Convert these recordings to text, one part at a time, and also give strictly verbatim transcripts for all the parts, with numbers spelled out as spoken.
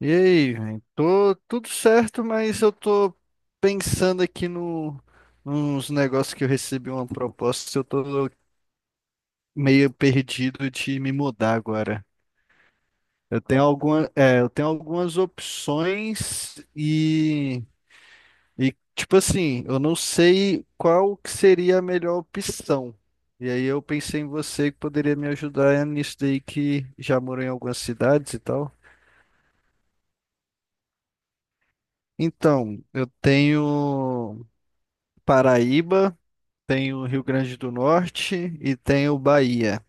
E aí, velho? Tô tudo certo, mas eu tô pensando aqui no nos negócios que eu recebi uma proposta, eu tô meio perdido de me mudar agora. Eu tenho alguma, é, eu tenho algumas opções e, e tipo assim, eu não sei qual que seria a melhor opção. E aí eu pensei em você que poderia me ajudar nisso daí que já morou em algumas cidades e tal. Então, eu tenho Paraíba, tem o Rio Grande do Norte e tem o Bahia.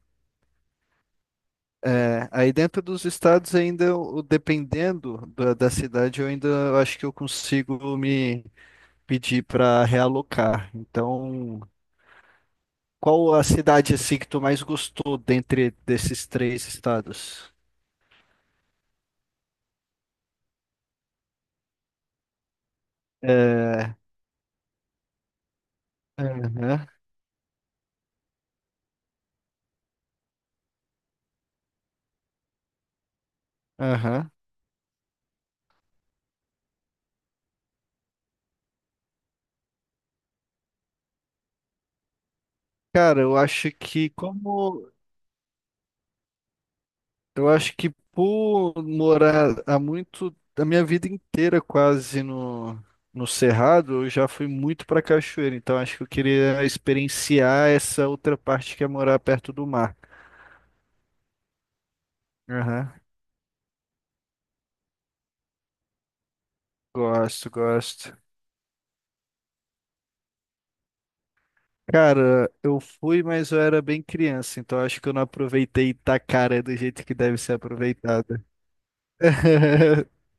É, aí dentro dos estados ainda, o- dependendo da, da cidade, eu ainda acho que eu consigo me pedir para realocar. Então, qual a cidade assim que tu mais gostou dentre desses três estados? É, aham, aham. Cara, eu acho que como Eu acho que por morar há muito, a minha vida inteira quase no, no Cerrado, eu já fui muito para cachoeira, então acho que eu queria experienciar essa outra parte que é morar perto do mar. Aham. Gosto, gosto. Cara, eu fui, mas eu era bem criança, então acho que eu não aproveitei Itacaré do jeito que deve ser aproveitada.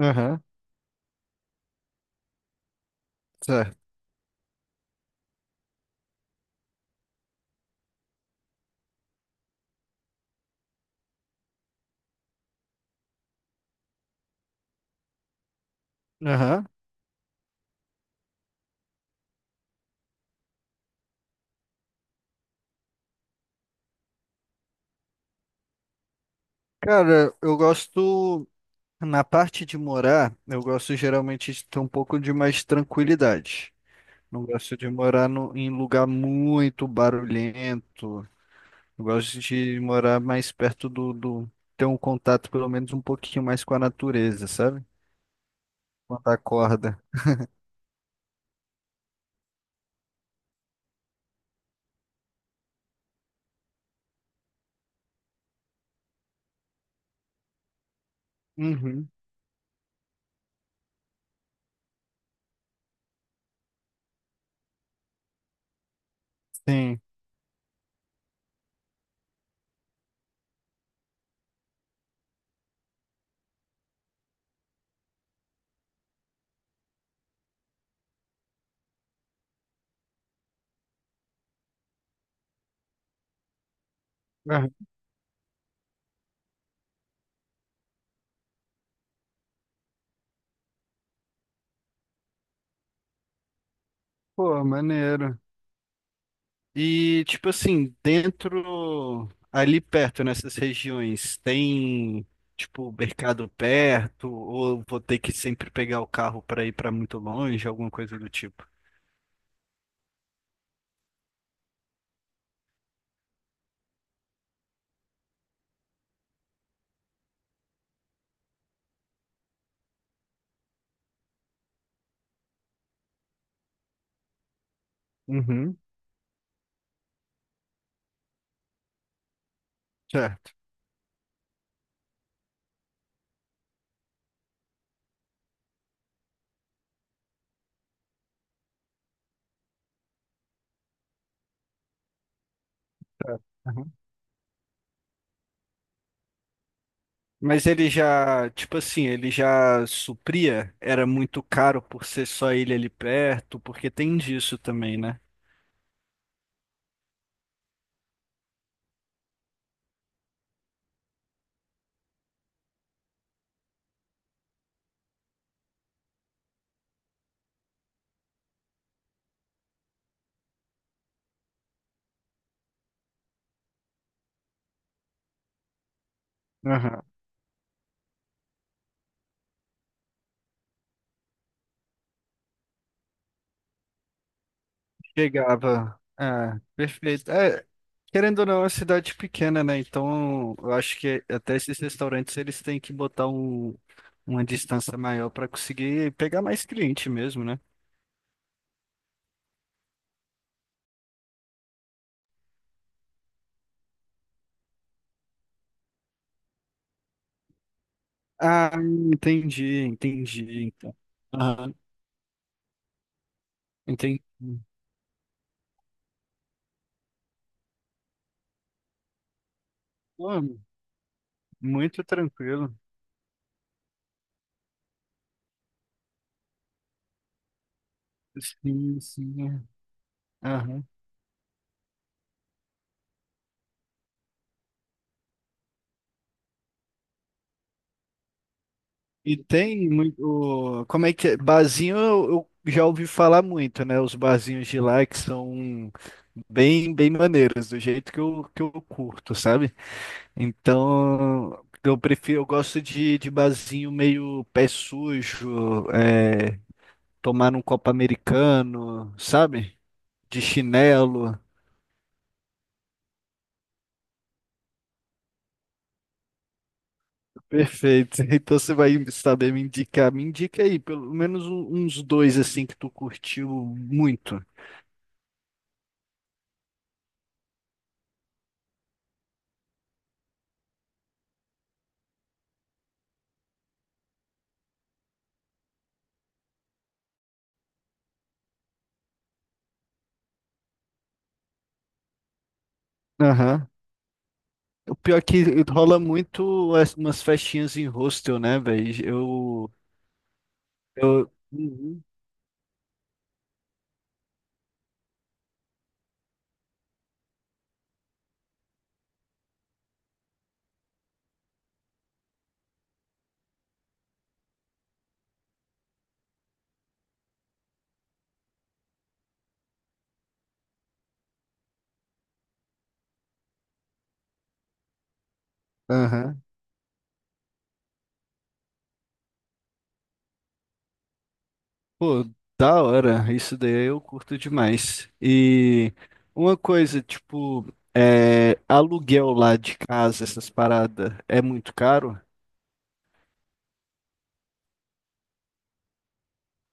Aham, certo. Aham. Cara, eu gosto. Na parte de morar, eu gosto geralmente de ter um pouco de mais tranquilidade. Não gosto de morar no- em lugar muito barulhento. Eu gosto de morar mais perto do, do- ter um contato pelo menos um pouquinho mais com a natureza, sabe? Quando acorda. Uhum. Sim. Ah, pô, maneiro. E, tipo assim, dentro, ali perto, nessas regiões, tem, tipo, mercado perto, ou vou ter que sempre pegar o carro para ir para muito longe, alguma coisa do tipo? Uhum. Certo. Certo. Aham. Mas ele já, tipo assim, ele já supria, era muito caro por ser só ele ali perto, porque tem disso também, né? Aham. Chegava. Ah, perfeito. É, querendo ou não, é uma cidade pequena, né? Então, eu acho que até esses restaurantes eles têm que botar um, uma distância maior para conseguir pegar mais cliente mesmo, né? Ah, entendi, entendi, então. Aham, entendi. Pô, muito tranquilo. Sim, sim. É. Aham. E tem muito. Como é que é? Barzinho eu, eu já ouvi falar muito, né? Os barzinhos de lá que são bem, bem maneiros, do jeito que eu, que eu curto, sabe? Então, eu prefiro, eu gosto de, de barzinho meio pé sujo, é, tomar um copo americano, sabe? De chinelo. Perfeito. Então você vai saber me indicar. Me indica aí, pelo menos um- uns dois assim que tu curtiu muito. Aham. O pior é que rola muito as- umas festinhas em hostel, né, velho? Eu, eu... Uhum. Aham. Pô, da hora. Isso daí eu curto demais. E uma coisa, tipo, é, aluguel lá de casa, essas paradas, é muito caro?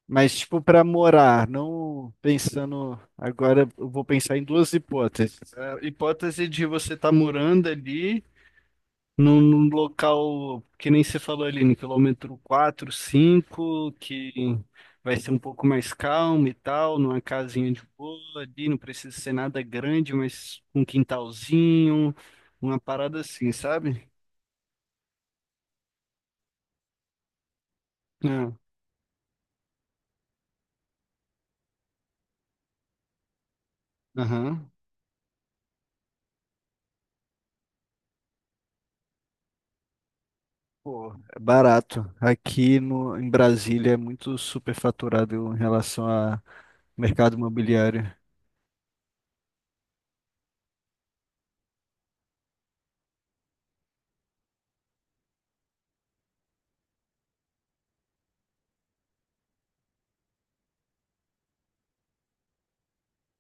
Mas, tipo, para morar, não pensando... Agora eu vou pensar em duas hipóteses. A hipótese de você estar morando ali... num, num local que nem você falou ali, no quilômetro quatro cinco, que vai ser um pouco mais calmo e tal, numa casinha de boa ali, não precisa ser nada grande, mas um quintalzinho, uma parada assim, sabe? Ah, aham. Pô, é barato. Aqui no, em Brasília é muito superfaturado em relação a mercado imobiliário.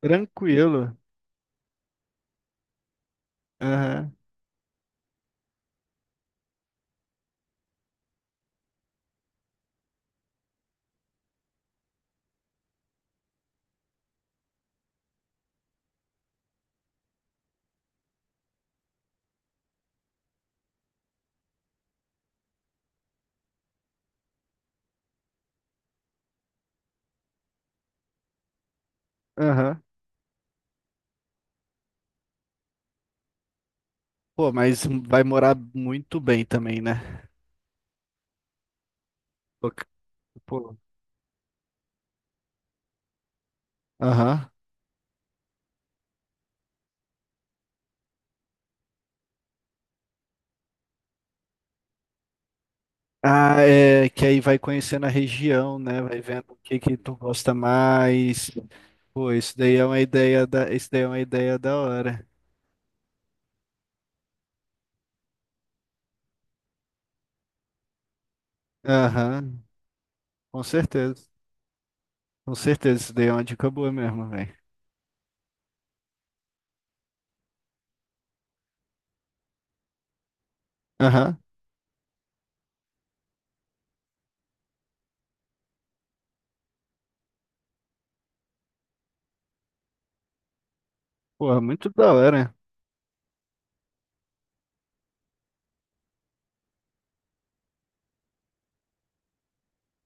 Tranquilo. Aham, aham. Pô, mas vai morar muito bem também, né? Pô. Aham. Ah, é que aí vai conhecendo a região, né? Vai vendo o que que tu gosta mais. Pô, isso daí é uma ideia da, isso daí é uma ideia da hora. Aham, com certeza. Com certeza, isso daí é uma dica boa mesmo, velho. Aham. Pô, é muito da hora.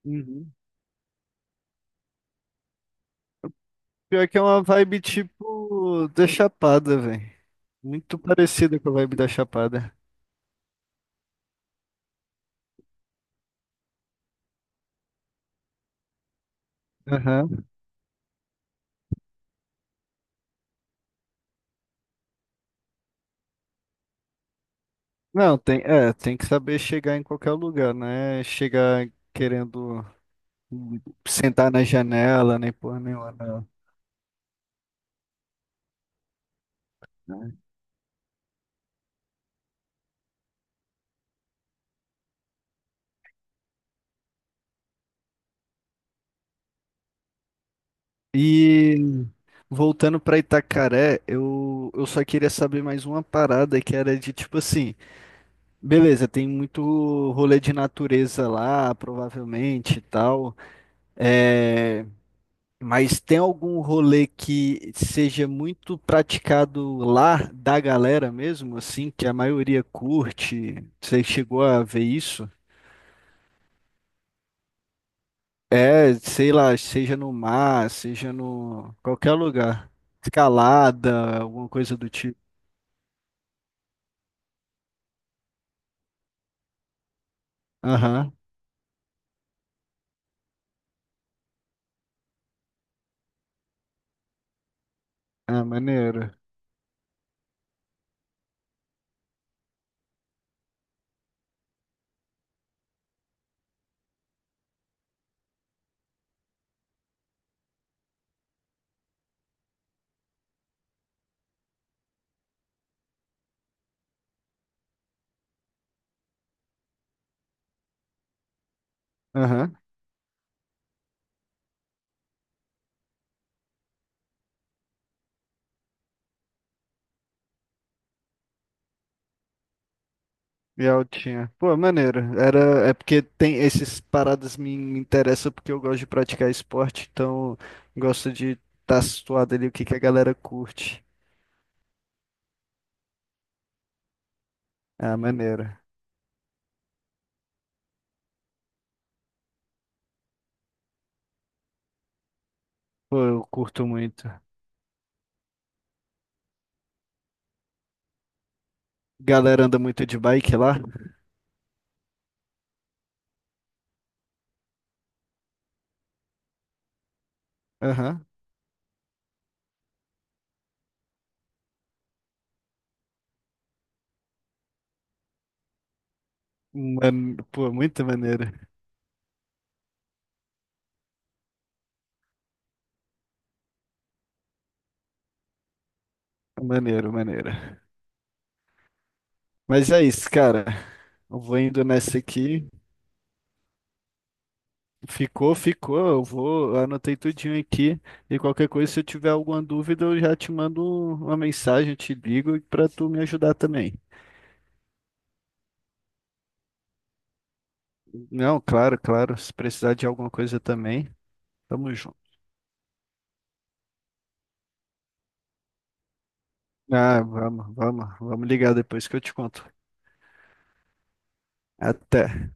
Uhum. Pior que é uma vibe tipo da Chapada, velho. Muito parecida com a vibe da Chapada. Aham. Não, tem, é, tem que saber chegar em qualquer lugar, né? Chegar querendo sentar na janela, nem porra nenhuma, não. E voltando pra Itacaré, eu, eu só queria saber mais uma parada que era de tipo assim, beleza, tem muito rolê de natureza lá, provavelmente e tal, é, mas tem algum rolê que seja muito praticado lá da galera mesmo, assim, que a maioria curte? Você chegou a ver isso? É, sei lá, seja no mar, seja no qualquer lugar. Escalada, alguma coisa do tipo. Aham. Ah, maneiro. Aham. E altinha. Pô, maneiro. Era, é porque tem esses paradas me, me interessam porque eu gosto de praticar esporte, então gosto de estar tá situado ali o que que a galera curte. Ah, maneiro. Pô, eu curto muito. Galera anda muito de bike lá? Aham. Man- Pô, muito maneiro. Maneiro, maneiro. Mas é isso, cara. Eu vou indo nessa aqui. Ficou, ficou. Eu vou, eu anotei tudinho aqui. E qualquer coisa, se eu tiver alguma dúvida, eu já te mando uma mensagem, eu te ligo para tu me ajudar também. Não, claro, claro. Se precisar de alguma coisa também, tamo junto. Ah, vamos, vamos, vamos ligar depois que eu te conto. Até.